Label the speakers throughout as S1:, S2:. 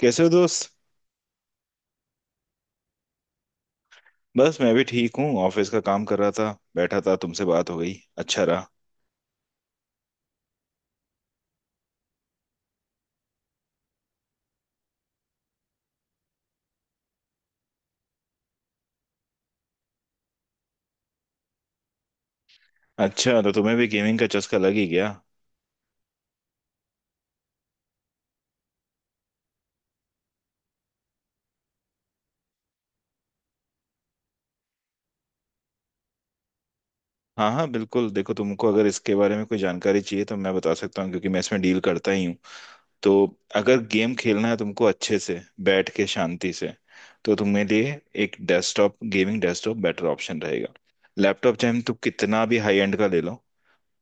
S1: कैसे हो दोस्त। बस मैं भी ठीक हूँ, ऑफिस का काम कर रहा था, बैठा था। तुमसे बात हो गई, अच्छा रहा। अच्छा, तो तुम्हें भी गेमिंग का चस्का लग ही गया। हाँ हाँ बिल्कुल, देखो तुमको अगर इसके बारे में कोई जानकारी चाहिए तो मैं बता सकता हूँ, क्योंकि मैं इसमें डील करता ही हूँ। तो अगर गेम खेलना है तुमको अच्छे से बैठ के शांति से, तो तुम्हें लिए एक desktop, gaming desktop better option रहेगा। लैपटॉप चाहे तुम कितना भी हाई एंड का ले लो,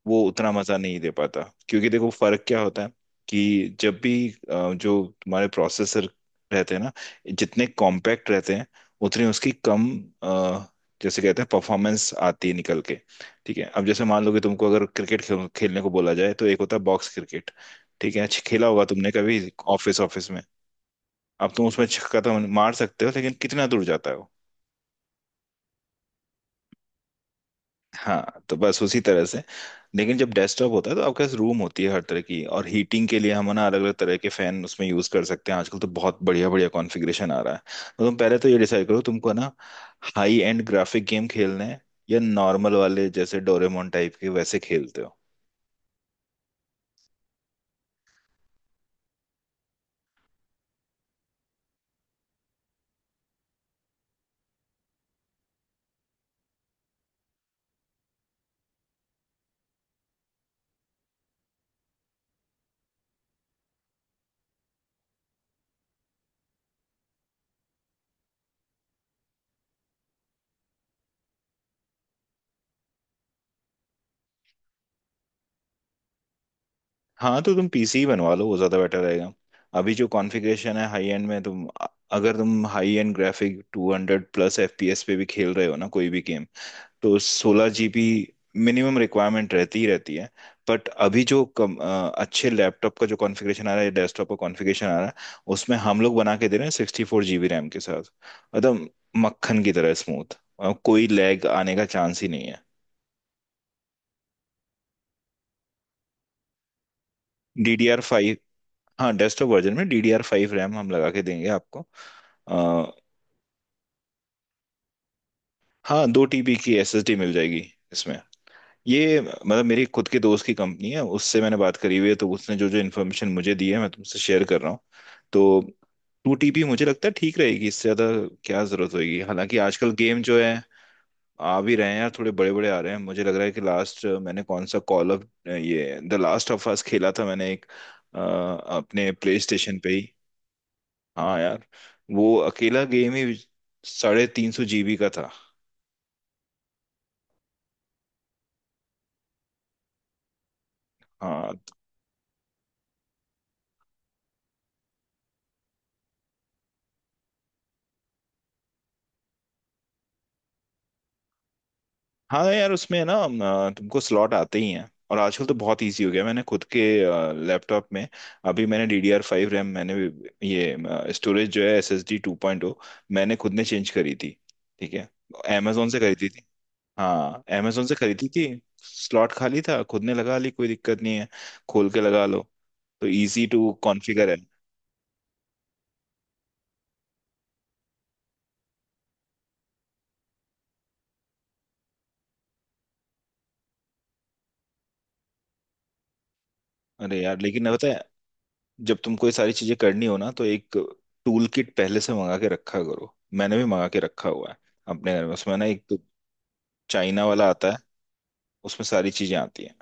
S1: वो उतना मजा नहीं दे पाता। क्योंकि देखो फर्क क्या होता है कि जब भी जो तुम्हारे प्रोसेसर रहते हैं ना, जितने कॉम्पैक्ट रहते हैं उतनी उसकी कम अ, जैसे कहते हैं, परफॉर्मेंस आती है निकल के। ठीक है, अब जैसे मान लो कि तुमको अगर क्रिकेट खेलने को बोला जाए, तो एक होता है बॉक्स क्रिकेट, ठीक है। अच्छा खेला होगा तुमने कभी ऑफिस ऑफिस में। अब तुम उसमें छक्का तो मार सकते हो, लेकिन कितना दूर जाता है वो। हाँ, तो बस उसी तरह से। लेकिन जब डेस्कटॉप होता है तो आपके पास रूम होती है हर तरह की, और हीटिंग के लिए हम ना अलग अलग तरह के फैन उसमें यूज कर सकते हैं। आजकल तो बहुत बढ़िया बढ़िया कॉन्फ़िगरेशन आ रहा है। तो तुम पहले तो ये डिसाइड करो तुमको ना हाई एंड ग्राफिक गेम खेलने हैं, या नॉर्मल वाले जैसे डोरेमोन टाइप के, वैसे खेलते हो। हाँ तो तुम पीसी ही बनवा लो, वो ज्यादा बेटर रहेगा। अभी जो कॉन्फ़िगरेशन है हाई एंड में, तुम अगर तुम हाई एंड ग्राफिक 200+ FPS पे भी खेल रहे हो ना कोई भी गेम, तो 16 GB मिनिमम रिक्वायरमेंट रहती ही रहती है। बट अभी जो अच्छे लैपटॉप का जो कॉन्फ़िगरेशन आ रहा है, डेस्कटॉप का कॉन्फ़िगरेशन आ रहा है, उसमें हम लोग बना के दे रहे हैं 64 GB रैम के साथ, एकदम मक्खन की तरह स्मूथ, कोई लैग आने का चांस ही नहीं है। D D R five. हाँ डेस्कटॉप वर्जन में DDR5 रैम हम लगा के देंगे आपको। अ, हाँ, 2 TB की एस एस डी मिल जाएगी इसमें। ये मतलब मेरी खुद के दोस्त की कंपनी है, उससे मैंने बात करी हुई है, तो उसने जो जो इन्फॉर्मेशन मुझे दी है मैं तुमसे शेयर कर रहा हूँ। तो टू टीपी मुझे लगता है ठीक रहेगी, इससे ज़्यादा क्या ज़रूरत होगी। हालांकि आजकल गेम जो है आ भी रहे हैं यार, थोड़े बड़े बड़े आ रहे हैं। मुझे लग रहा है कि लास्ट मैंने कौन सा कॉल ऑफ, ये द लास्ट ऑफ अस खेला था मैंने एक, अपने प्ले स्टेशन पे ही। हाँ यार, वो अकेला गेम ही 350 GB का था। हाँ। हाँ यार उसमें ना तुमको स्लॉट आते ही हैं, और आजकल तो बहुत इजी हो गया। मैंने खुद के लैपटॉप में अभी मैंने DDR5 रैम ये स्टोरेज जो है एस एस डी 2.0, मैंने खुद ने चेंज करी थी, ठीक है। अमेजोन से खरीदी थी। हाँ, अमेजोन से खरीदी थी। स्लॉट खाली था, खुद ने लगा ली, कोई दिक्कत नहीं है, खोल के लगा लो। तो इजी टू कॉन्फ़िगर है। अरे यार लेकिन पता है, जब तुमको ये सारी चीजें करनी हो ना, तो एक टूल किट पहले से मंगा के रखा करो। मैंने भी मंगा के रखा हुआ है अपने घर में। उसमें ना एक तो चाइना वाला आता है, उसमें सारी चीजें आती हैं।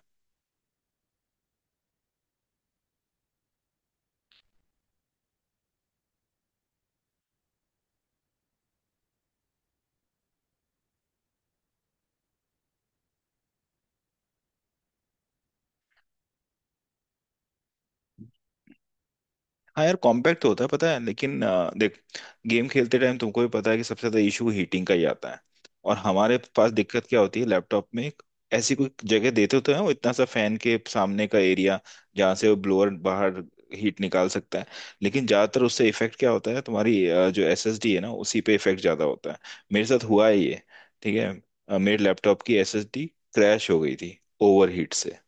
S1: हाँ यार कॉम्पैक्ट तो होता है पता है, लेकिन देख, गेम खेलते टाइम तुमको भी पता है कि सबसे ज्यादा इशू हीटिंग का ही आता है। और हमारे पास दिक्कत क्या होती है लैपटॉप में, एक ऐसी कोई जगह देते तो है वो, इतना सा फैन के सामने का एरिया जहाँ से वो ब्लोअर बाहर हीट निकाल सकता है। लेकिन ज्यादातर उससे इफेक्ट क्या होता है, तुम्हारी जो एसएसडी है ना, उसी पे इफेक्ट ज्यादा होता है। मेरे साथ हुआ है ये, ठीक है। मेरे लैपटॉप की एसएसडी क्रैश हो गई थी ओवर हीट से।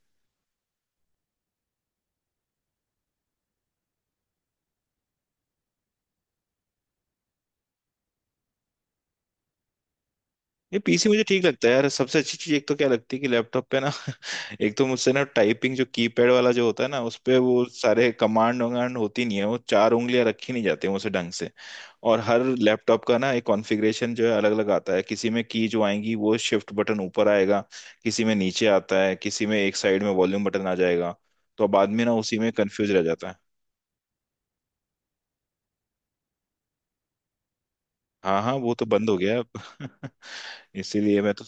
S1: ये पीसी मुझे ठीक लगता है यार। सबसे अच्छी चीज एक तो क्या लगती है कि लैपटॉप पे ना एक तो मुझसे ना टाइपिंग, जो कीपैड वाला जो होता है ना उस पे, वो सारे कमांड वमांड होती नहीं है, वो चार उंगलियां रखी नहीं जाती मुझसे ढंग से। और हर लैपटॉप का ना एक कॉन्फ़िगरेशन जो है अलग अलग आता है। किसी में की जो आएंगी वो शिफ्ट बटन ऊपर आएगा, किसी में नीचे आता है, किसी में एक साइड में वॉल्यूम बटन आ जाएगा। तो अब आदमी ना उसी में कंफ्यूज रह जाता है। हाँ हाँ, वो तो बंद हो गया अब इसीलिए मैं तो,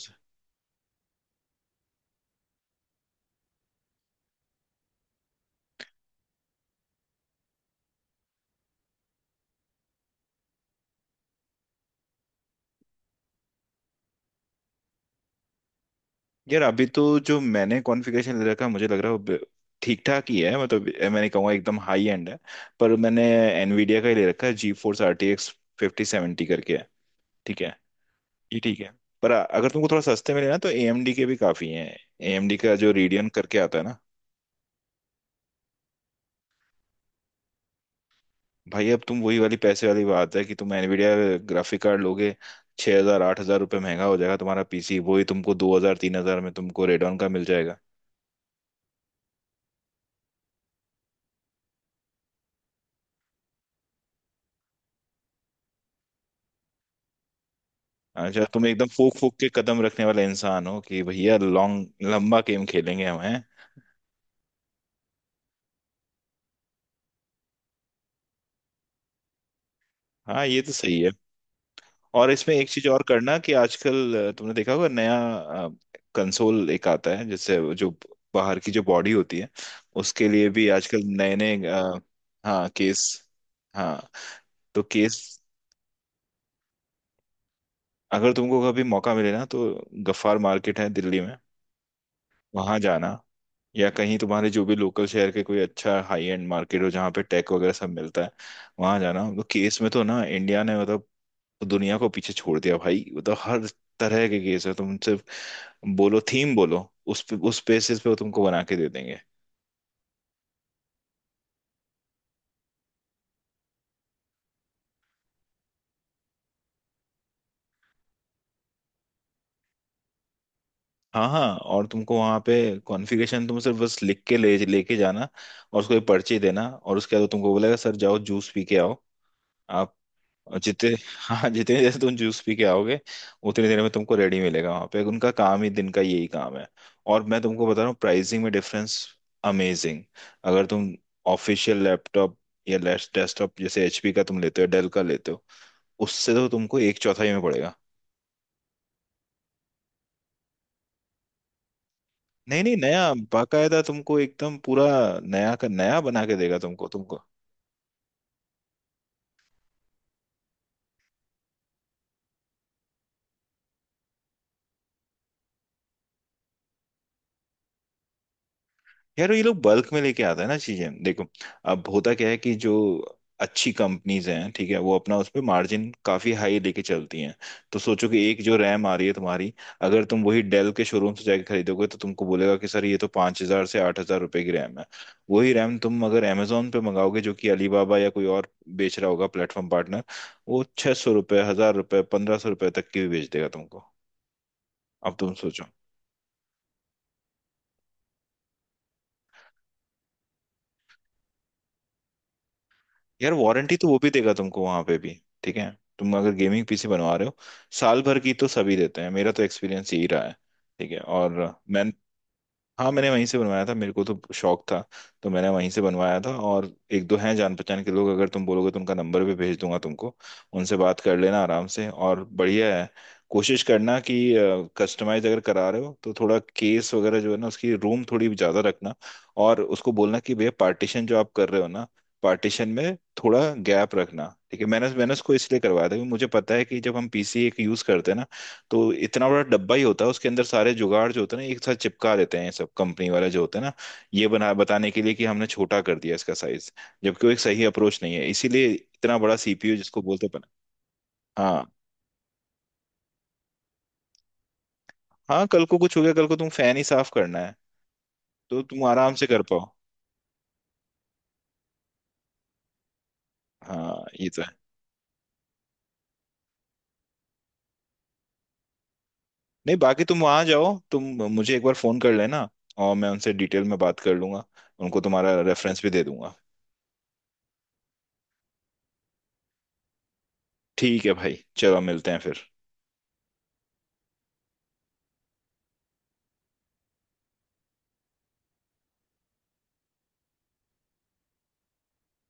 S1: यार अभी तो जो मैंने कॉन्फ़िगरेशन ले रखा है, मुझे लग रहा है वो ठीक ठाक ही है। मतलब मैंने कहूँगा एकदम हाई एंड है। पर मैंने एनवीडिया का ही ले रखा है, GeForce R T x 5070 करके है, ठीक है। ये ठीक है। पर अगर तुमको थोड़ा सस्ते में लेना तो ए एम डी के भी काफ़ी हैं। ए एम डी का जो रेडियन करके आता है ना। भाई अब तुम, वही वाली पैसे वाली बात है कि तुम एनवीडिया ग्राफिक कार्ड लोगे, ₹6,000-8,000 महंगा हो जाएगा तुम्हारा पीसी। वही तुमको 2,000-3,000 में तुमको रेडॉन का मिल जाएगा। अच्छा, तुम एकदम फूक फूक के कदम रखने वाले इंसान हो कि भैया लॉन्ग, लंबा गेम खेलेंगे हम हैं। हाँ ये तो सही है। और इसमें एक चीज और करना कि आजकल तुमने देखा होगा, नया कंसोल एक आता है जिससे वो जो बाहर की जो बॉडी होती है, उसके लिए भी आजकल नए नए, हाँ केस। हाँ तो केस, अगर तुमको कभी मौका मिले ना तो गफ्फार मार्केट है दिल्ली में, वहां जाना। या कहीं तुम्हारे जो भी लोकल शहर के कोई अच्छा हाई एंड मार्केट हो जहाँ पे टेक वगैरह सब मिलता है, वहां जाना। तो केस में तो ना, इंडिया ने मतलब दुनिया को पीछे छोड़ दिया भाई। मतलब हर तरह के केस है, तुम सिर्फ बोलो थीम, बोलो उस पे, उस बेसिस पे वो तुमको बना के दे देंगे। हाँ हाँ, और तुमको वहाँ पे कॉन्फ़िगरेशन तुम सिर्फ बस लिख के ले लेके जाना, और उसको एक पर्ची देना। और उसके बाद वो तुमको बोलेगा, सर जाओ जूस पी के आओ। आप, और जितने, हाँ जितनी देर तुम जूस पी के आओगे, उतनी देर में तुमको रेडी मिलेगा वहां पे। उनका काम ही दिन का यही काम है। और मैं तुमको बता रहा हूँ प्राइसिंग में डिफरेंस अमेजिंग। अगर तुम ऑफिशियल लैपटॉप या डेस्कटॉप जैसे एचपी का तुम लेते हो, डेल का लेते हो, उससे तो तुमको एक चौथाई में पड़ेगा। नहीं नहीं, नया, बाकायदा तुमको एकदम पूरा नया का नया बना के देगा तुमको, तुमको। यार ये लोग बल्क में लेके आता है ना चीजें, देखो। अब होता क्या है कि जो अच्छी कंपनीज हैं, ठीक है, वो अपना उस पे मार्जिन काफी हाई लेके चलती हैं। तो सोचो कि एक जो रैम आ रही है तुम्हारी, अगर तुम वही डेल के शोरूम से जाके खरीदोगे, तो तुमको बोलेगा कि सर ये तो ₹5,000 से ₹8,000 की रैम है। वही रैम तुम अगर अमेजोन पे मंगाओगे, जो कि अलीबाबा या कोई और बेच रहा होगा, प्लेटफॉर्म पार्टनर, वो ₹600, ₹1,000, ₹1,500 तक की भी बेच देगा तुमको। अब तुम सोचो। यार वारंटी तो वो भी देगा तुमको वहां पे भी, ठीक है। तुम अगर गेमिंग पीसी बनवा रहे हो, साल भर की तो सभी देते हैं, मेरा तो एक्सपीरियंस यही रहा है, ठीक है। और मैंने, हाँ मैंने वहीं से बनवाया था, मेरे को तो शौक था तो मैंने वहीं से बनवाया था। और एक दो हैं जान पहचान के लोग, अगर तुम बोलोगे तो उनका नंबर भी भेज दूंगा तुमको, उनसे बात कर लेना आराम से, और बढ़िया है। कोशिश करना कि कस्टमाइज अगर करा रहे हो तो थोड़ा केस वगैरह जो है ना, उसकी रूम थोड़ी ज़्यादा रखना। और उसको बोलना कि भैया पार्टीशन जो आप कर रहे हो ना, पार्टीशन में थोड़ा गैप रखना, ठीक है। मैंने मैंने उसको इसलिए करवाया था क्योंकि मुझे पता है कि जब हम पीसी एक यूज़ करते हैं ना, तो इतना बड़ा डब्बा ही होता है, उसके अंदर सारे जुगाड़ जो होते हैं ना एक साथ चिपका देते हैं सब, कंपनी वाला जो होता है ना, ये बना बताने के लिए कि हमने छोटा कर दिया इसका साइज। जबकि वो एक सही अप्रोच नहीं है, इसीलिए इतना बड़ा सीपीयू जिसको बोलते हैं बना। हाँ हाँ, कल को कुछ हो गया, कल को तुम फैन ही साफ करना है तो तुम आराम से कर पाओ। हाँ ये तो है। नहीं बाकी तुम वहां जाओ, तुम मुझे एक बार फोन कर लेना, और मैं उनसे डिटेल में बात कर लूंगा, उनको तुम्हारा रेफरेंस भी दे दूंगा। ठीक है भाई, चलो मिलते हैं फिर।